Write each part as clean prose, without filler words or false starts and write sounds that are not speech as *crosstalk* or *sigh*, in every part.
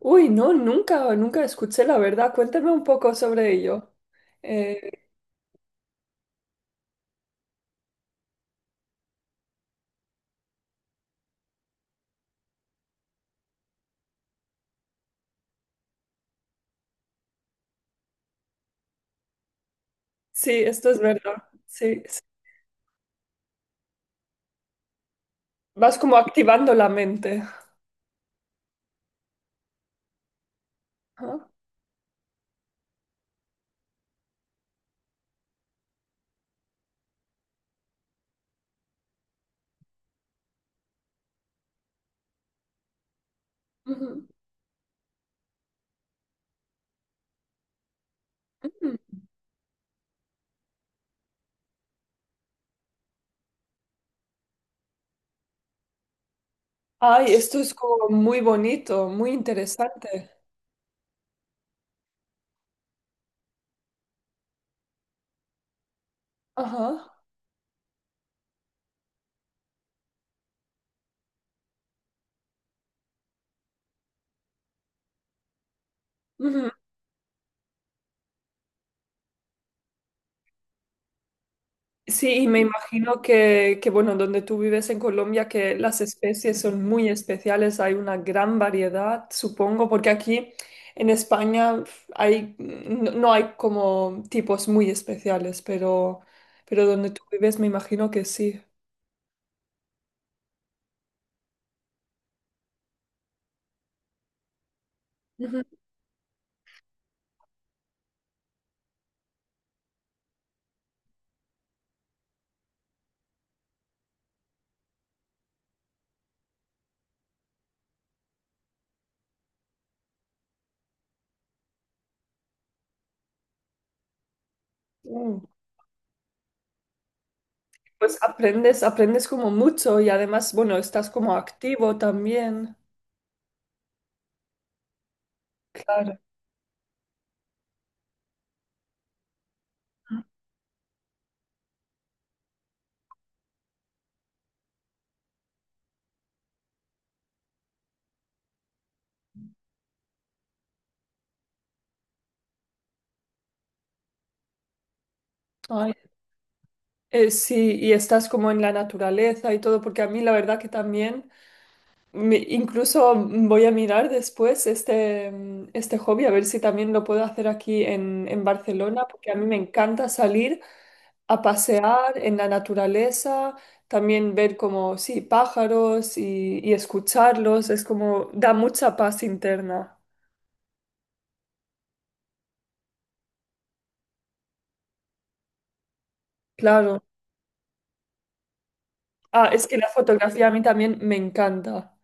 Uy, no, nunca escuché la verdad. Cuéntame un poco sobre ello. Eh, sí, esto es verdad. Sí, sí. Vas como activando la mente. Ajá. Ujú. Ujú. Ay, esto es como muy bonito, muy interesante. Ajá. Ujú. Sí, y me imagino que, bueno, donde tú vives en Colombia, que las especies son muy especiales, hay una gran variedad, supongo, porque aquí en España hay, no, no hay como tipos muy especiales, pero donde tú vives me imagino que sí. Ujú. Mm, pues aprendes, aprendes como mucho y además, bueno, estás como activo también, claro. Ay, sí, y estás como en la naturaleza y todo, porque a mí la verdad que también... Incluso voy a mirar después este hobby, a ver si también lo puedo hacer aquí en Barcelona, porque a mí me encanta salir a pasear en la naturaleza, también ver como, sí, pájaros y escucharlos, es como, da mucha paz interna, claro. Ah, es que la fotografía a mí también me encanta.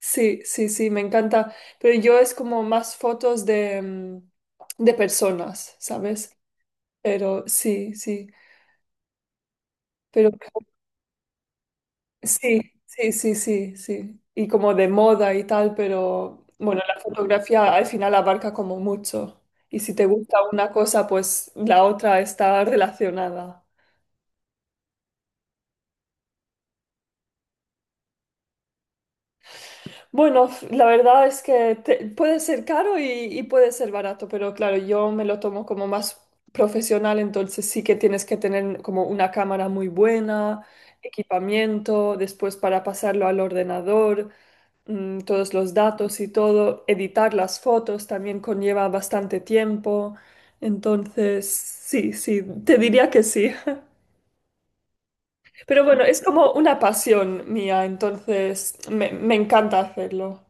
Sí, sí, sí, me encanta, pero yo es como más fotos de de personas, ¿sabes? Pero sí, sí. Pero co- sí, sí, sí, sí, sí. Y como de moda y tal, pero bueno, la fotografía al final abarca como mucho. Y si te gusta una cosa, pues la otra está relacionada. Bueno, la verdad es que puede ser caro y puede ser barato, pero claro, yo me lo tomo como más profesional, entonces sí que tienes que tener como una cámara muy buena, equipamiento, después para pasarlo al ordenador. Mm, todos los datos y todo, editar las fotos también conlleva bastante tiempo. Entonces, sí, sí, te diría que sí. Pero bueno, es como una pasión mía, entonces me encanta hacerlo.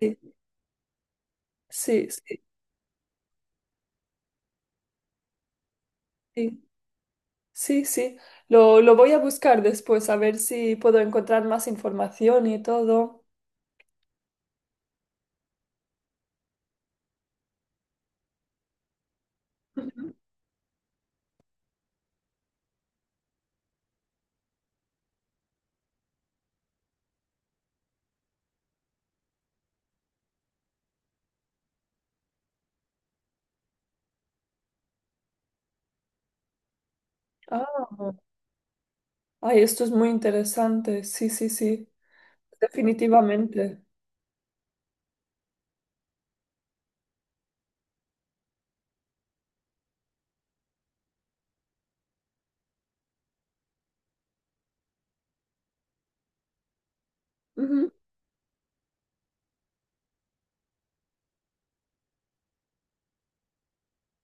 Sí, sí, sí, sí, sí, sí. Lo voy a buscar después a ver si puedo encontrar más información y todo. Ujú. Ah, ay, esto es muy interesante. Sí, sí, sí, definitivamente.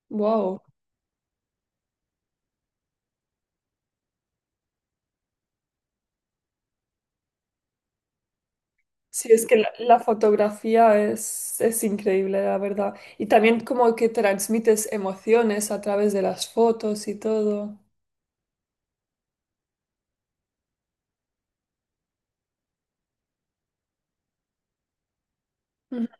Wow. Sí, es que la fotografía es increíble, la verdad. Y también como que transmites emociones a través de las fotos y todo. Ujú.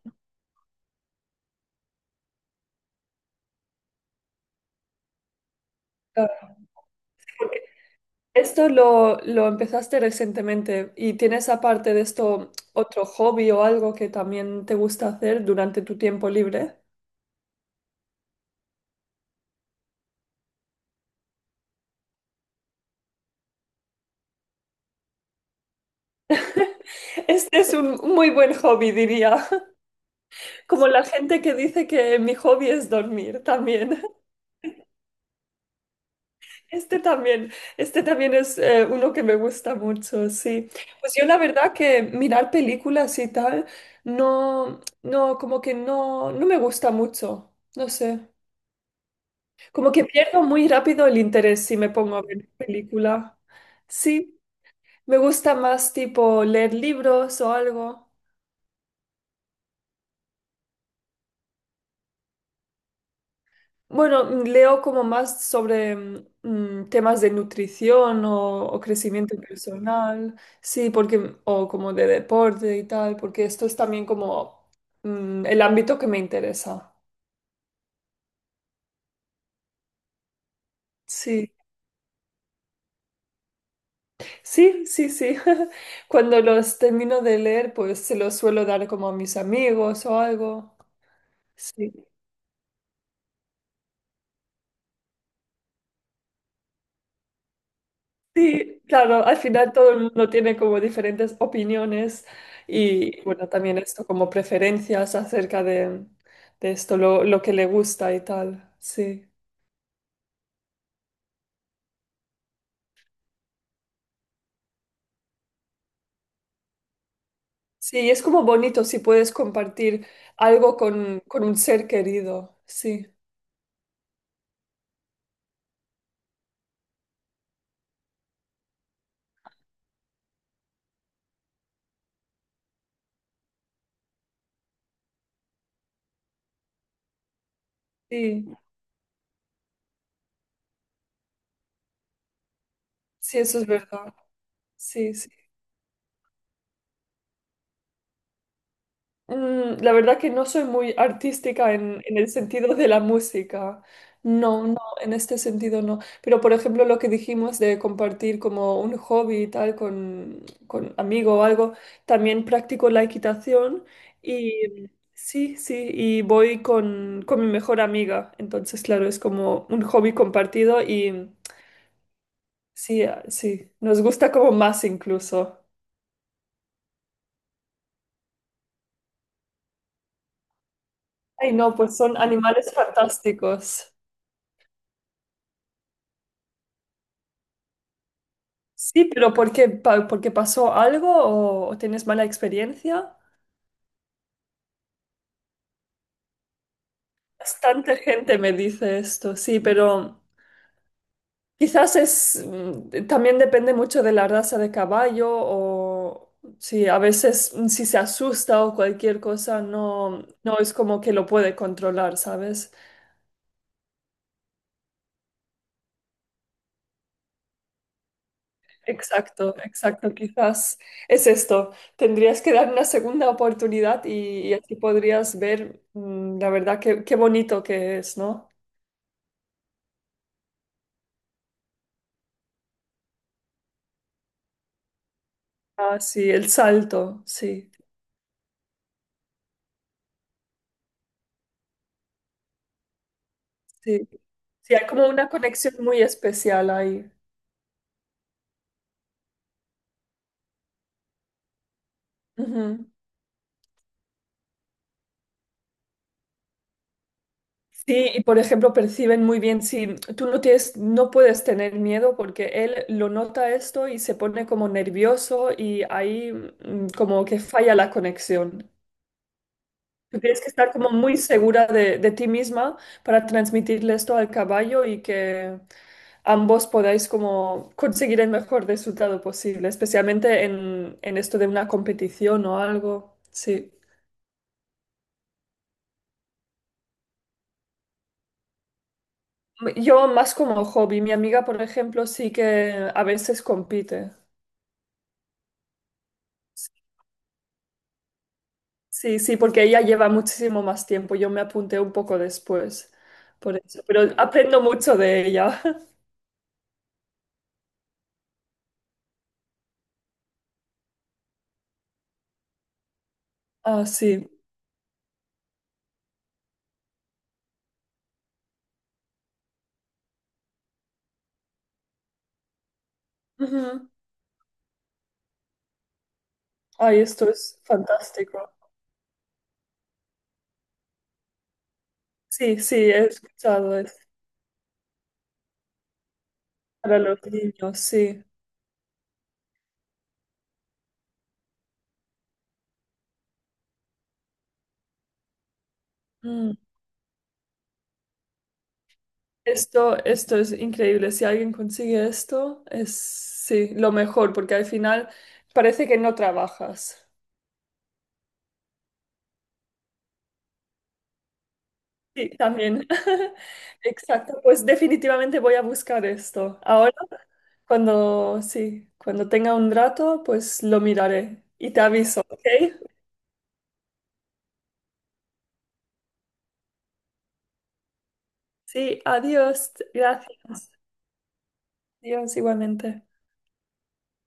Claro, porque esto lo empezaste recientemente y tienes aparte de esto otro hobby o algo que también te gusta hacer durante tu tiempo libre. *laughs* Este es un muy buen hobby, diría. *laughs* Como la gente que dice que mi hobby es dormir también. Este también, este también es uno que me gusta mucho, sí. Pues yo la verdad que mirar películas y tal, no, no, como que no, no me gusta mucho, no sé. Como que pierdo muy rápido el interés si me pongo a ver película. Sí, me gusta más tipo leer libros o algo. Bueno, mm, leo como más sobre temas de nutrición o crecimiento personal, sí, porque, o como de deporte y tal, porque esto es también como mm, el ámbito que me interesa. Sí, sí, sí, sí. *laughs* Cuando los termino de leer, pues se los suelo dar como a mis amigos o algo. Sí. Sí, claro, al final todo el mundo tiene como diferentes opiniones y bueno, también esto como preferencias acerca de esto, lo que le gusta y tal. Sí. Sí, es como bonito si puedes compartir algo con un ser querido. Sí, sí, sí, eso es verdad. Sí, sí. Mm, la verdad que no soy muy artística en el sentido de la música. No, no, en este sentido no. Pero, por ejemplo, lo que dijimos de compartir como un hobby y tal con amigo o algo, también practico la equitación y sí, sí, y voy con mi mejor amiga. Entonces, claro, es como un hobby compartido y sí, ah, sí, nos gusta como más incluso. Ay, no, pues son animales fantásticos. Sí, pero ¿por qué? ¿Porque pasó algo o tienes mala experiencia? Bastante gente me dice esto, sí, pero quizás es mm, también depende mucho de la raza de caballo o sí, a veces mm, si se asusta o cualquier cosa no es como que lo puede controlar, ¿sabes? Exacto, exacto, quizás es esto. Tendrías que dar una segunda oportunidad y así podrías ver mm, la verdad qué bonito que es, ¿no? Ah, sí, el salto, sí, sí. Sí, hay como una conexión muy especial ahí. Ujú. Sí, y por ejemplo, perciben muy bien si tú no tienes, no puedes tener miedo porque él lo nota esto y se pone como nervioso y ahí mm, como que falla la conexión. Tú tienes que estar como muy segura de ti misma para transmitirle esto al caballo y que ambos podáis como conseguir el mejor resultado posible, especialmente en esto de una competición o algo. Sí. Yo más como hobby, mi amiga, por ejemplo, sí que a veces compite. Sí, sí, porque ella lleva muchísimo más tiempo. Yo me apunté un poco después, por eso. Pero aprendo mucho de ella. *laughs* Ah, sí. Ujú. Ay, esto es fantástico. Sí, sí, he escuchado es para los niños, sí. Mm. Esto es increíble. Si alguien consigue esto, es sí, lo mejor, porque al final parece que no trabajas. Sí, también. *laughs* Exacto. Pues definitivamente voy a buscar esto. Ahora, cuando sí, cuando tenga un rato, pues lo miraré y te aviso, ¿ok? Sí, adiós. Gracias. Adiós igualmente.